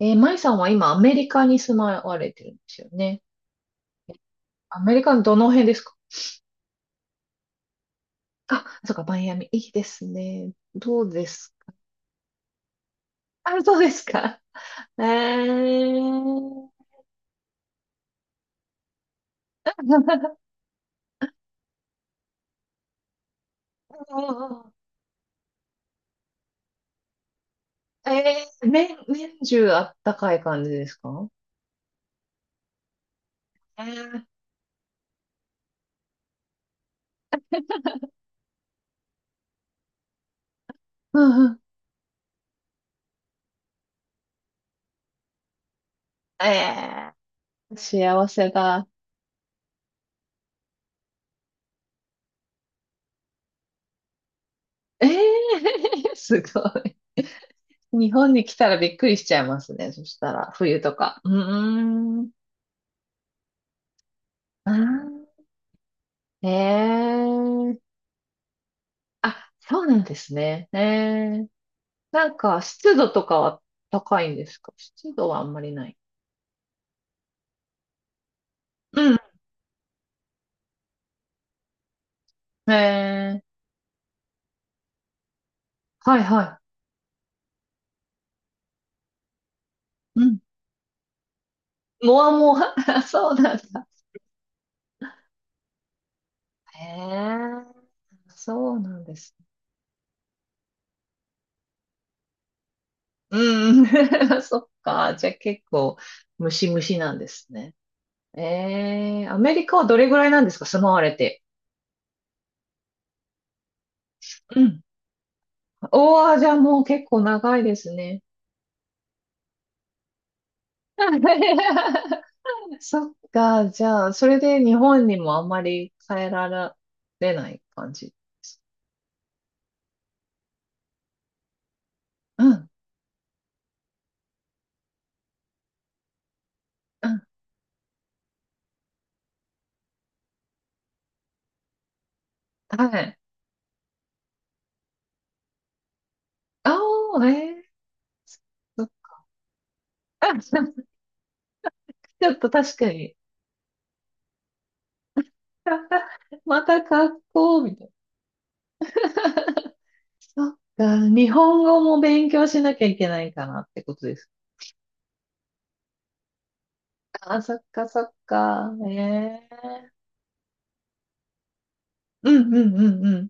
舞さんは今アメリカに住まわれてるんですよね。アメリカのどの辺ですか？あ、そうか、マイアミ。いいですね。どうですか？あ、そうですか。えー、年中あったかい感じですか？えー、うんうん。えー、幸せだ。えー、すごい。日本に来たらびっくりしちゃいますね。そしたら、冬とか。うーん。あー、えー、あ、そうなんですね。ええ。なんか、湿度とかは高いんですか湿度はあんまりない。うん。ええ。はいはい。うん。もわもわ。そうなんだ。へえ。そうなんです。うんうん。そっか。じゃあ結構、ムシムシなんですね。ええ。アメリカはどれぐらいなんですか、住まわれて。うん。おー、じゃあもう結構長いですね。そっか、じゃあ、それで日本にもあんまり帰られない感じですか。うん、うん、はい。あお、えー、そっか。 ちょっと確かに。また格好、みたいな。そっか、日本語も勉強しなきゃいけないかなってことですか。あ、そっか、そっか、ええ、うんうんうん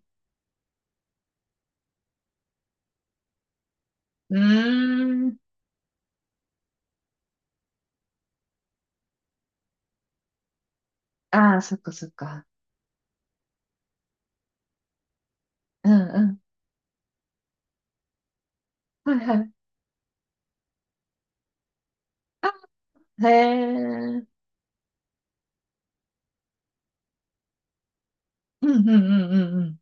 うん。うーん。ああ、そっかそっか。うんうん。はいはい。あ、へえ。うんうんうんうんうん。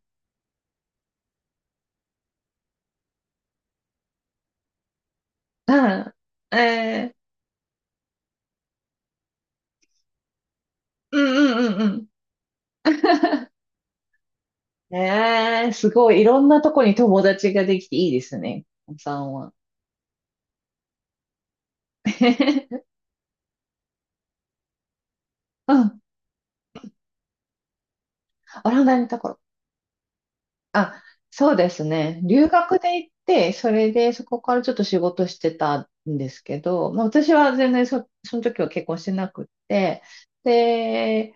うん。えー、うんうんうんうん。えー、すごい。いろんなとこに友達ができていいですね。お子さんは。うん。オランダにいた頃。あ、そうですね。留学で行って、それでそこからちょっと仕事してたんですけど、まあ私は全然その時は結婚してなくって、で、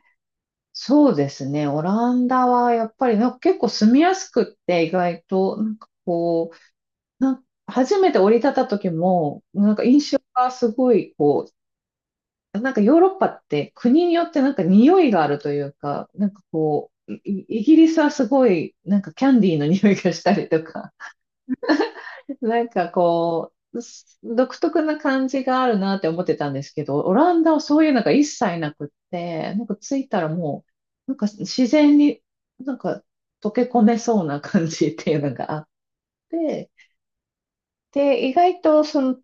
そうですね。オランダはやっぱりなんか結構住みやすくって、意外と、なんかこう、初めて降り立った時も、なんか印象がすごい、こう、なんかヨーロッパって国によってなんか匂いがあるというか、なんかこう、イギリスはすごい、なんかキャンディーの匂いがしたりとか、なんかこう、す独特な感じがあるなって思ってたんですけど、オランダはそういうのが一切なくって、なんか着いたらもう、なんか自然になんか溶け込めそうな感じっていうのがあって、で、意外とその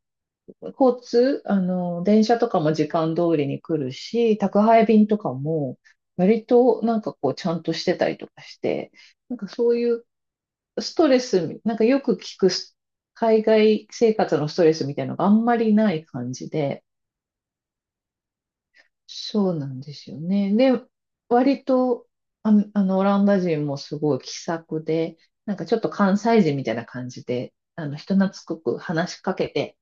交通、あの、電車とかも時間通りに来るし、宅配便とかも、割となんかこう、ちゃんとしてたりとかして、なんかそういうストレス、なんかよく聞く海外生活のストレスみたいなのがあんまりない感じで、そうなんですよね。で、割と、あ、あの、オランダ人もすごい気さくで、なんかちょっと関西人みたいな感じで、あの、人懐っこく話しかけて、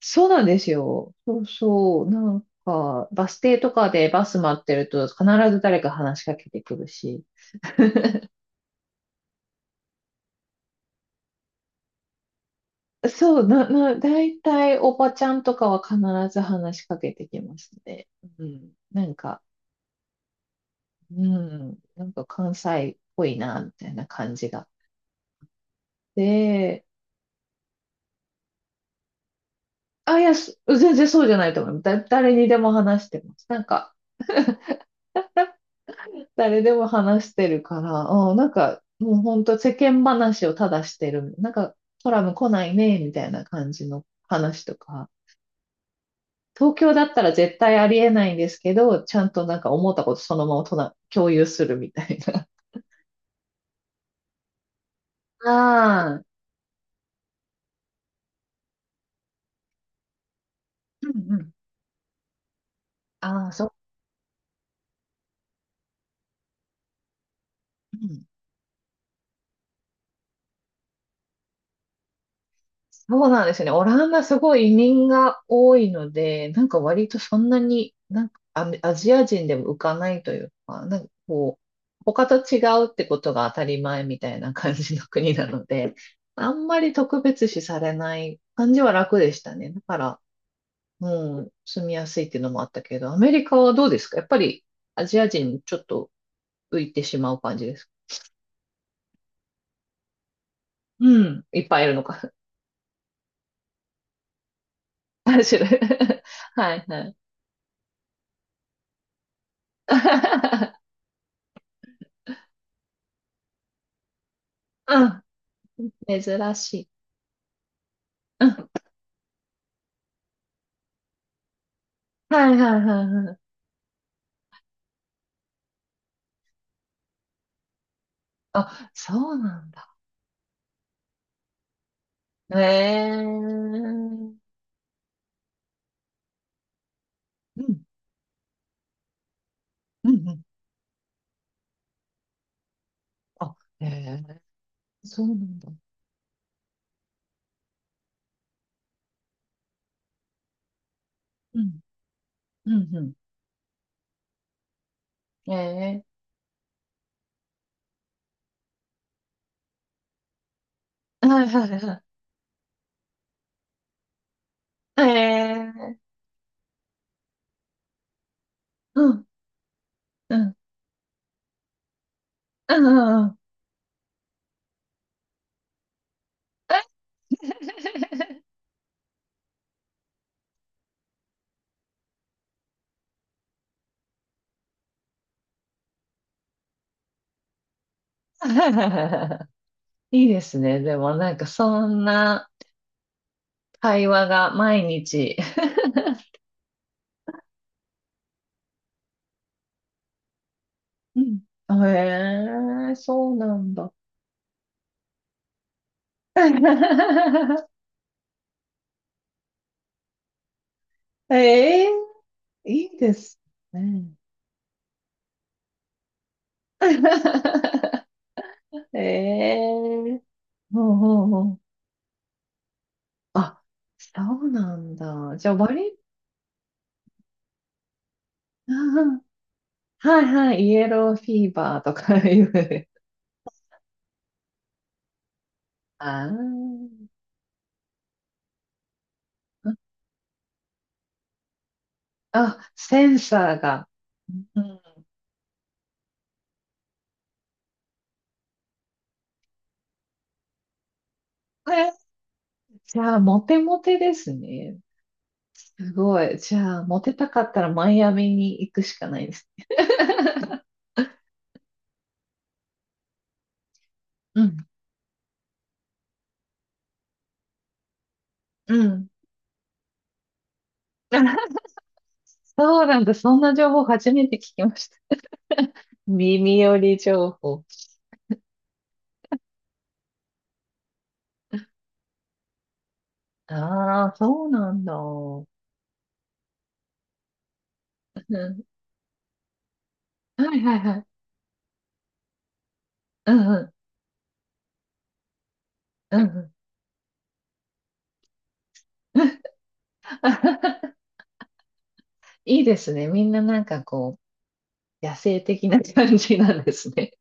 そうなんですよ。そうそう。なんか、バス停とかでバス待ってると必ず誰か話しかけてくるし。そう、大体おばちゃんとかは必ず話しかけてきますね。うん。なんか、うん。なんか関西っぽいな、みたいな感じが。で、あ、いや、す全然そうじゃないと思う。だ、誰にでも話してます。なんか、誰でも話してるから、あん、なんか、もう本当世間話をただしてる。なんか、コラム来ないね、みたいな感じの話とか。東京だったら絶対ありえないんですけど、ちゃんとなんか思ったことそのままとな共有するみたいな。ああ、うんうん。ああ、そう、うん、そうなんですね。オランダすごい移民が多いので、なんか割とそんなに、なんかアメアジア人でも浮かないというか、なんかこう、他と違うってことが当たり前みたいな感じの国なので、あんまり特別視されない感じは楽でしたね。だから、うん、住みやすいっていうのもあったけど、アメリカはどうですか、やっぱりアジア人ちょっと浮いてしまう感じですか？うん、いっぱいいるのか。3種類。はいはい。うん、珍しい。うん、はいはいはいはい。あ、そうなんだ。へえ。うん、うん、うん。あ、へえ、そうなんだ。うん、うん、うん。えー、はいはいはい。えー、うん、うん、うん、うん。うん。 いいですね。でもなんかそんな会話が毎日。うん、へえ、そうなんだ。ええ、いいですね。ええ、ほうほうほう。あ、そうなんだ。じゃあ、割り、はいはい、イエローフィーバーとか いう。あー、あ、センサーが。うん、え、じゃあ、モテモテですね。すごい。じゃあ、モテたかったらマイアミに行くしかないです。うん、うん。そうなんだ。そんな情報初めて聞きました。耳寄り情報。ああ、そうなんだ。うん、はいはいはい。うんうん。うんうん。いいですね。みんななんかこう、野生的な感じなんですね。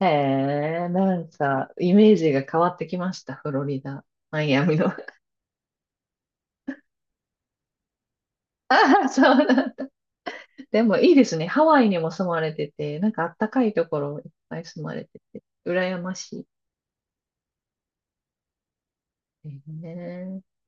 へえ、なんか、イメージが変わってきました、フロリダ。マイアミの。ああ、そうなん。でもいいですね。ハワイにも住まれてて、なんかあったかいところいっぱい住まれてて、羨ましい。ね。え